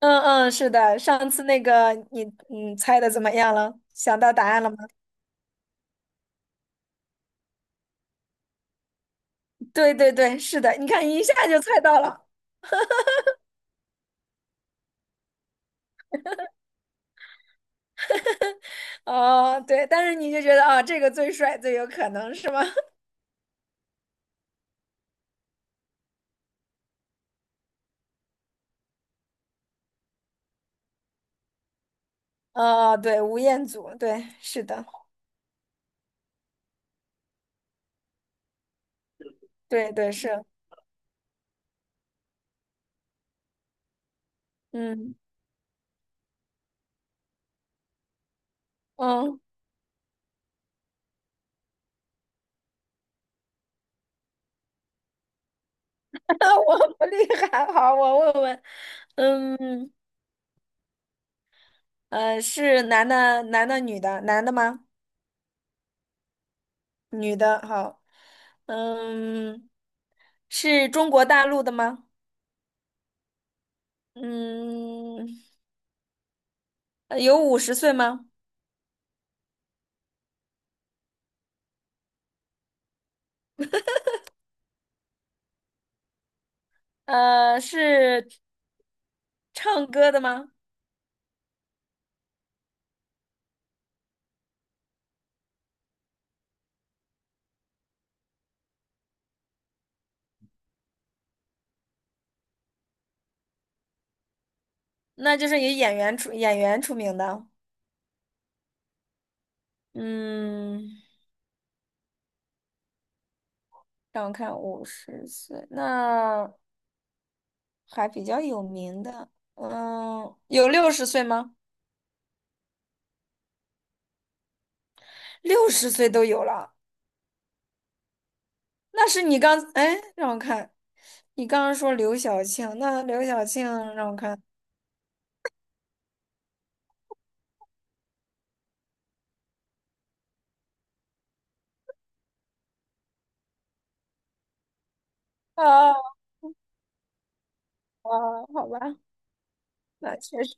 嗯嗯，是的，上次那个你猜的怎么样了？想到答案了吗？对对对，是的，你看一下就猜到了。哦，对，但是你就觉得啊、这个最帅，最有可能是吗？哦，对，吴彦祖，对，是的，对对是，嗯嗯，我不厉害，好，我问问，嗯是男的，女的，男的吗？女的，好，嗯，是中国大陆的吗？嗯。呃有五十岁吗？呃，是唱歌的吗？那就是以演员出演员出名的。嗯，让我看，五十岁，那还比较有名的。嗯，有六十岁吗？六十岁都有了，那是你刚，哎，让我看，你刚刚说刘晓庆，那刘晓庆，让我看，哦，哦，好吧，那确实。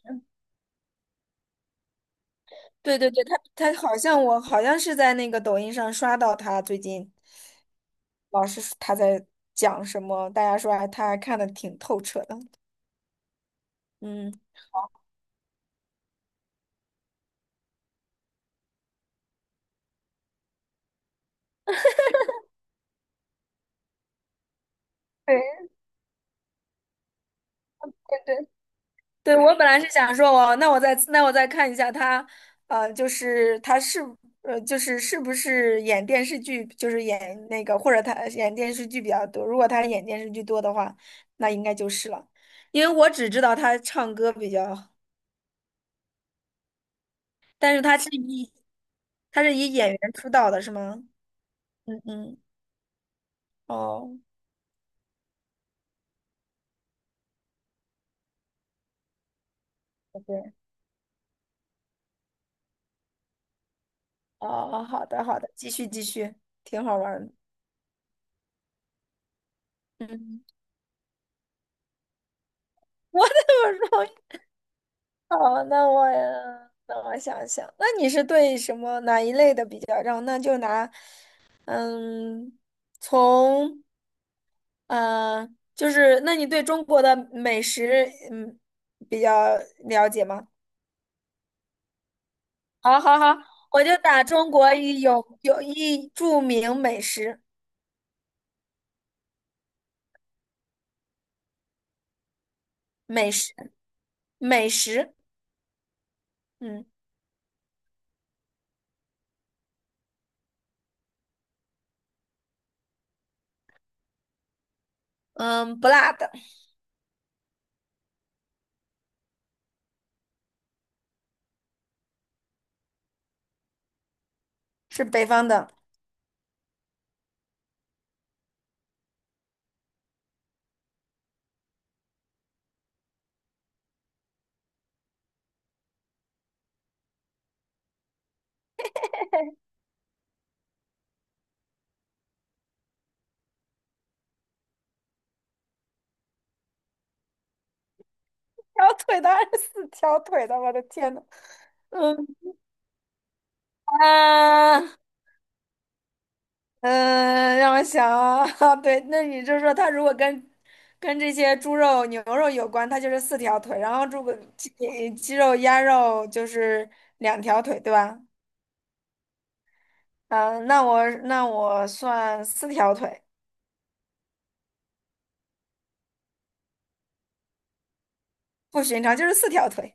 对对对，他好像好像是在那个抖音上刷到他最近，老是说他在讲什么，大家说还他还看的挺透彻的。嗯，对对对，对我本来是想说我那我再那我再看一下他，呃，呃就是是不是演电视剧，就是演那个或者他演电视剧比较多。如果他演电视剧多的话，那应该就是了，因为我只知道他唱歌比较，但是他是以演员出道的是吗？嗯嗯，哦，对，哦，好的好的，继续继续，挺好玩儿的。嗯，我怎么容易？好，那我想想，那你是对什么哪一类的比较让？那就拿，嗯，从嗯、呃就是那你对中国的美食嗯比较了解吗？好好好，我就打中国一有有一著名美食美食。美食，嗯嗯，不辣的，是北方的。条腿的是四条腿的，我的天呐，嗯啊，嗯，让我想啊，对，那你就说它如果跟这些猪肉、牛肉有关，它就是四条腿，然后鸡肉、鸭肉就是两条腿，对吧？嗯，那我算四条腿，不寻常，就是四条腿，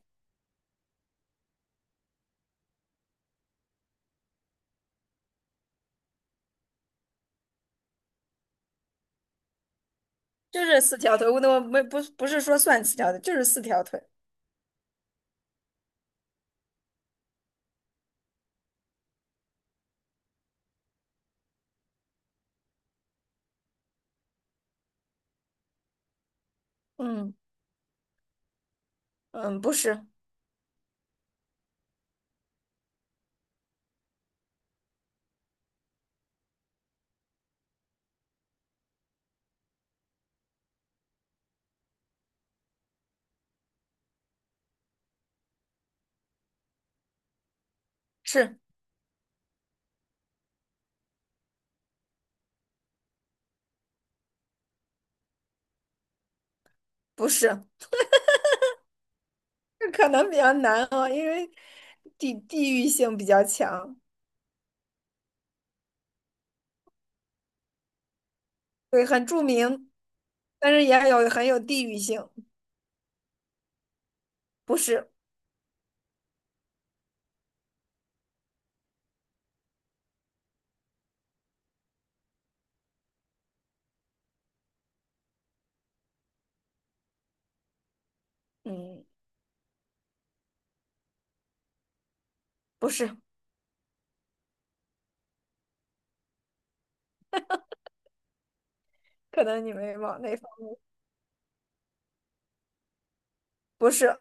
就是四条腿，我我没不是说算四条腿，就是四条腿，嗯。嗯，不是，是不是？这可能比较难哦，因为地域性比较强，对，很著名，但是也有很有地域性。不是，嗯，不是，可能你没往那方，不是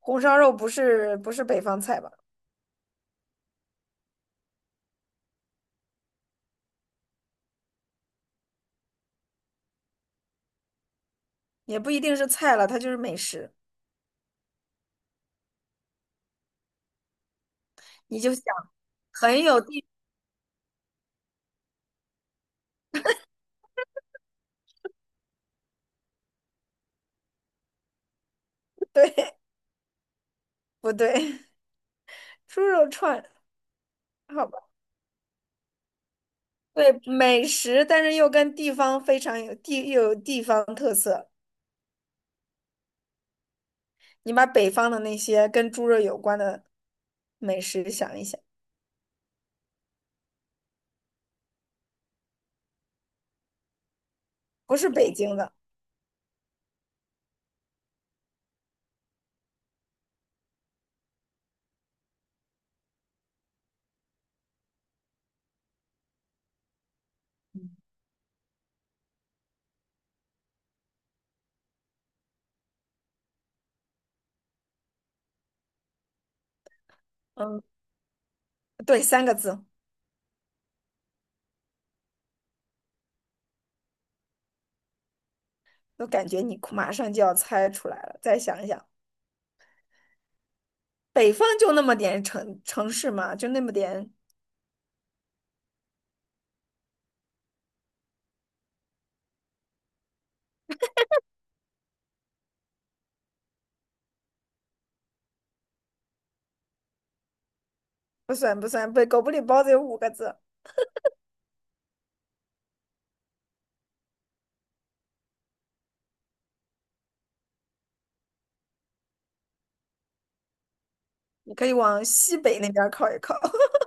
红烧肉，不是北方菜吧？也不一定是菜了，它就是美食。你就想，很有地，对，不对？猪肉串，好吧，对，美食，但是又跟地方非常有地，又有地方特色。你把北方的那些跟猪肉有关的美食想一想，不是北京的，嗯，对，三个字，我感觉你快马上就要猜出来了。再想一想，北方就那么点城市嘛，就那么点，不算不算，不，狗不理包子有五个字，你可以往西北那边靠一靠。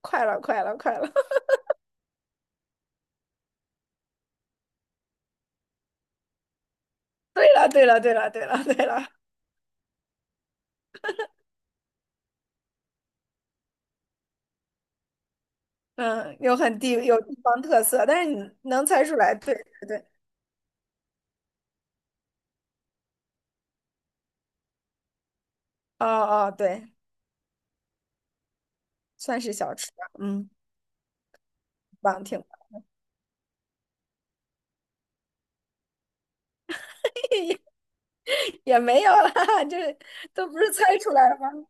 快了，快了，快了！对了，对了，对了，对了，对了，嗯，有很地有地方特色，但是你能猜出来，对对对，哦哦，对，算是小吃吧，嗯，棒，挺棒 也没有啦，就是都不是猜出来的吗？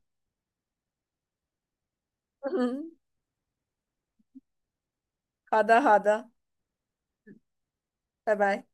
嗯，好的，好的，拜拜。